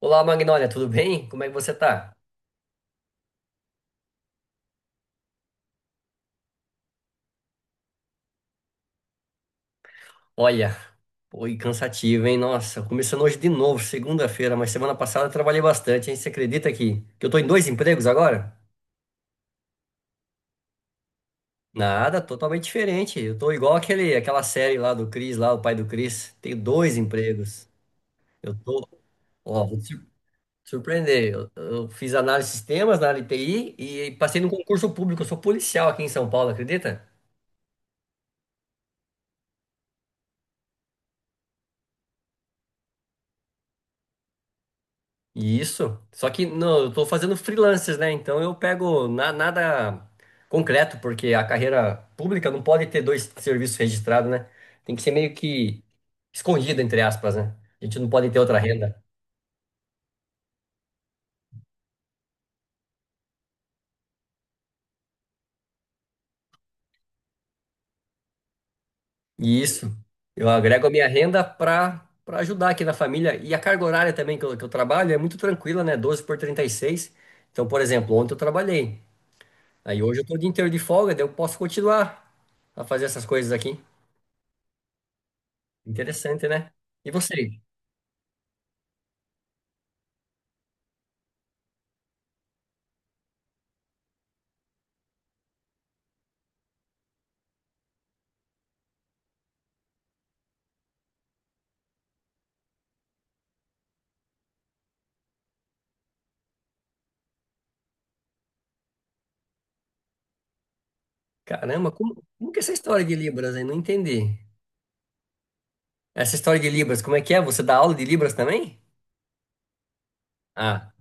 Olá, Magnólia, tudo bem? Como é que você tá? Olha, foi cansativo, hein? Nossa, começando hoje de novo, segunda-feira, mas semana passada eu trabalhei bastante, hein? Você acredita que eu tô em dois empregos agora? Nada, totalmente diferente. Eu tô igual aquela série lá do Chris, lá, o pai do Chris. Tenho dois empregos. Eu tô, Ó, surpreender. Eu fiz análise de sistemas na área de TI e passei no concurso público. Eu sou policial aqui em São Paulo, acredita? Isso. Só que não, eu tô fazendo freelances, né? Então nada concreto, porque a carreira pública não pode ter dois serviços registrados, né? Tem que ser meio que escondida, entre aspas, né? A gente não pode ter outra renda. E isso. Eu agrego a minha renda para ajudar aqui na família. E a carga horária também que eu trabalho é muito tranquila, né? 12 por 36. Então, por exemplo, ontem eu trabalhei. Aí hoje eu tô o dia inteiro de folga, daí eu posso continuar a fazer essas coisas aqui. Interessante, né? E você? Caramba, como que é essa história de Libras aí? Não entendi. Essa história de Libras, como é que é? Você dá aula de Libras também? Ah,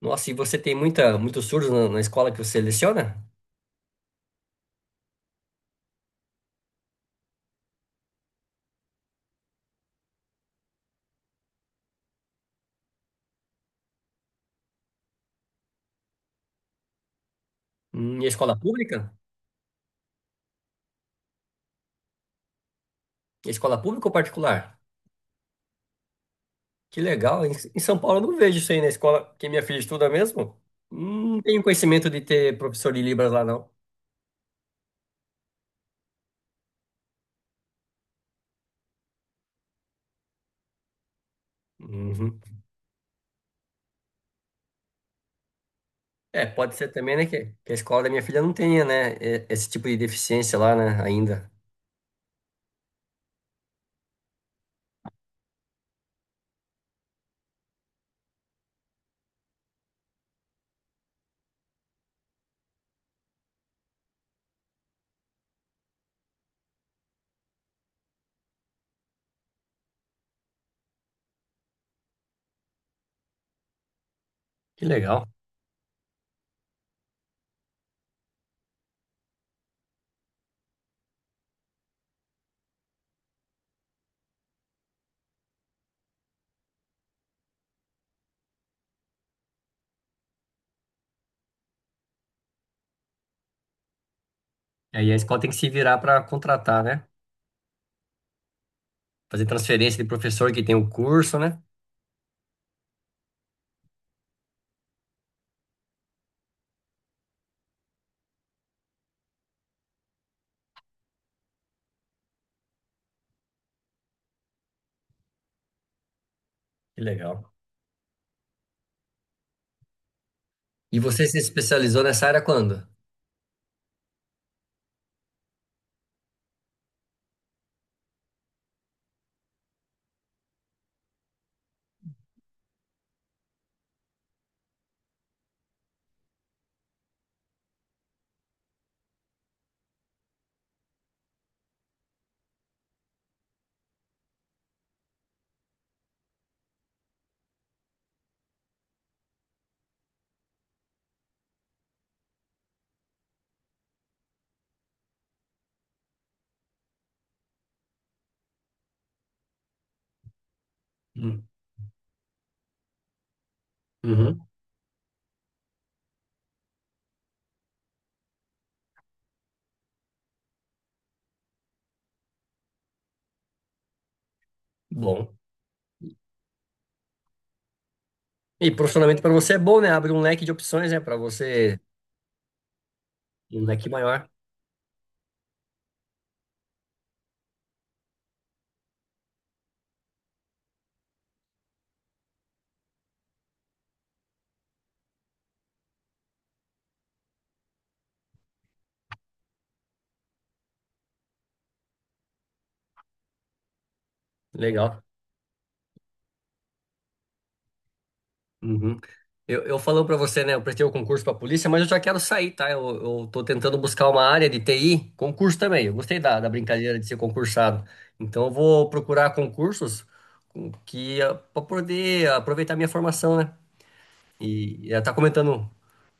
nossa, e você tem muitos surdos na escola que você leciona? E a escola pública? E a escola pública ou particular? Que legal. Em São Paulo eu não vejo isso aí na escola que minha filha estuda mesmo. Não tenho conhecimento de ter professor de Libras lá, não. Uhum. É, pode ser também, né, que a escola da minha filha não tenha, né, esse tipo de deficiência lá, né, ainda. Que legal. Aí a escola tem que se virar para contratar, né? Fazer transferência de professor que tem o curso, né? Que legal. E você se especializou nessa área quando? Hum, Uhum. Bom. E profissionalmente para você é bom, né? Abre um leque de opções, né? Para você, um leque maior. Legal. Uhum. Eu falando para você, né? Eu prestei o concurso para polícia, mas eu já quero sair, tá? Eu tô tentando buscar uma área de TI, concurso também. Eu gostei da brincadeira de ser concursado. Então eu vou procurar concursos com- que para poder aproveitar minha formação, né? E ela tá comentando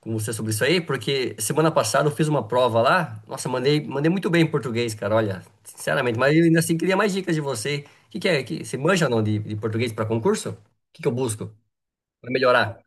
com você sobre isso aí, porque semana passada eu fiz uma prova lá. Nossa, mandei muito bem em português, cara, olha, sinceramente. Mas eu ainda assim queria mais dicas de você. O que, que é? Que, você manja ou não de português para concurso? O que que eu busco para melhorar?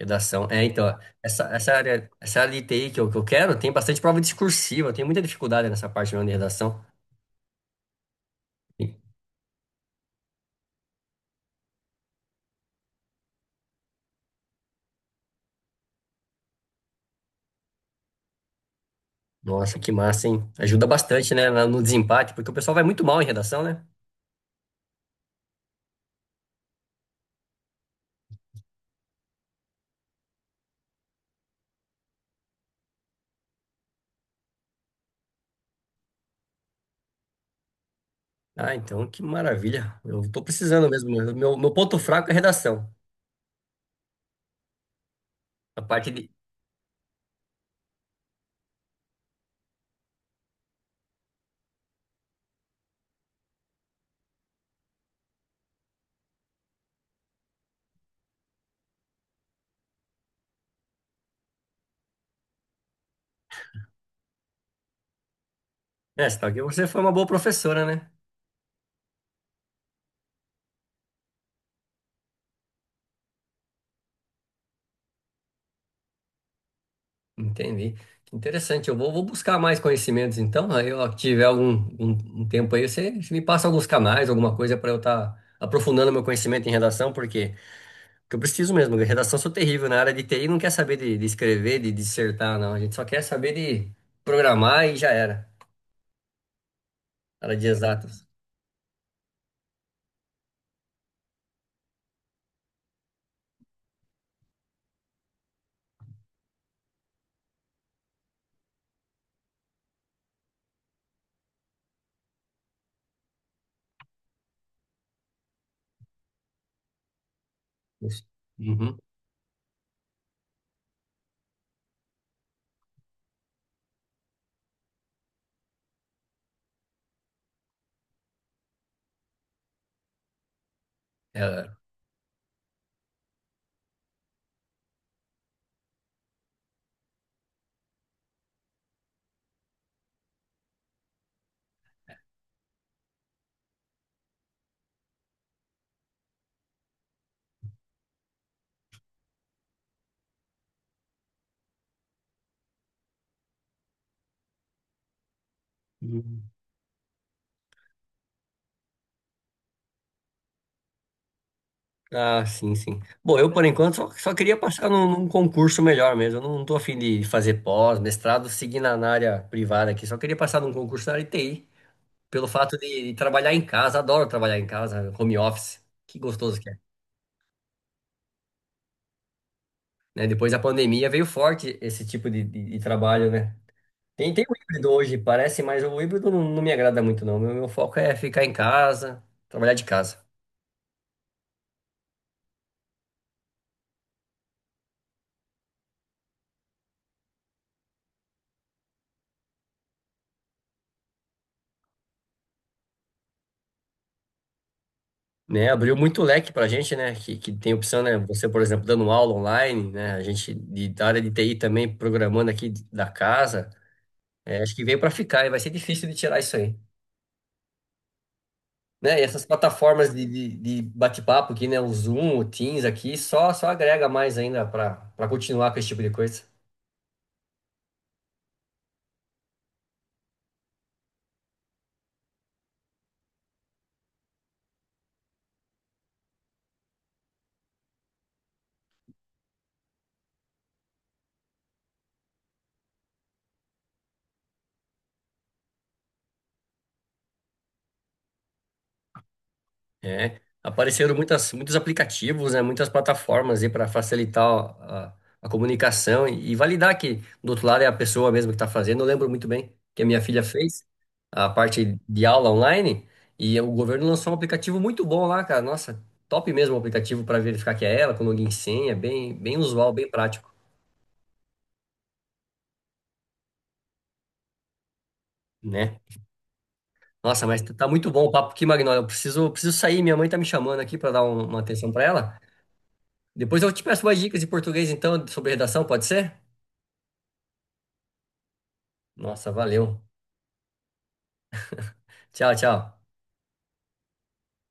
Redação. É, então, ó, essa área de TI que eu quero tem bastante prova discursiva, eu tenho muita dificuldade nessa parte não, de redação. E, Nossa, que massa, hein? Ajuda bastante, né, no desempate, porque o pessoal vai muito mal em redação, né? Ah, então que maravilha. Eu tô precisando mesmo. Meu ponto fraco é redação. A parte de, É, você tá, você foi uma boa professora, né? Entendi. Que interessante. Vou buscar mais conhecimentos, então. Aí, ó, tiver algum um tempo aí, você me passa alguns canais, alguma coisa para eu estar aprofundando meu conhecimento em redação, porque eu preciso mesmo. De redação eu sou terrível. Na área de TI não quer saber de escrever, de dissertar, não. A gente só quer saber de programar e já era. Área de exatas. Isso. Uhum. É, ah, sim, sim. Bom, eu por enquanto só queria passar num concurso melhor mesmo. Eu não, não tô afim de fazer pós, mestrado, seguir na área privada aqui. Só queria passar num concurso na área de TI, pelo fato de trabalhar em casa. Adoro trabalhar em casa, home office. Que gostoso que é, né? Depois da pandemia veio forte esse tipo de de trabalho, né? Tem o híbrido hoje, parece, mas o híbrido não me agrada muito, não. Meu foco é ficar em casa, trabalhar de casa. Né, abriu muito leque para a gente, né? Que tem opção, né? Você, por exemplo, dando aula online, né? A gente da área de TI também programando aqui da casa. É, acho que veio para ficar e vai ser difícil de tirar isso aí. Né? E essas plataformas de bate-papo aqui, né? O Zoom, o Teams aqui, só agrega mais ainda para continuar com esse tipo de coisa. É, apareceram muitos aplicativos, né, muitas plataformas aí para facilitar a, a comunicação e validar que do outro lado é a pessoa mesmo que está fazendo. Eu lembro muito bem que a minha filha fez a parte de aula online e o governo lançou um aplicativo muito bom lá, cara. Nossa, top mesmo o aplicativo para verificar que é ela, com login e senha, bem, bem usual, bem prático, né? Nossa, mas tá muito bom o papo aqui, Magnólia. Eu preciso, preciso sair, minha mãe tá me chamando aqui para dar um- uma atenção para ela. Depois eu te peço mais dicas de português, então, sobre redação, pode ser? Nossa, valeu. Tchau, tchau.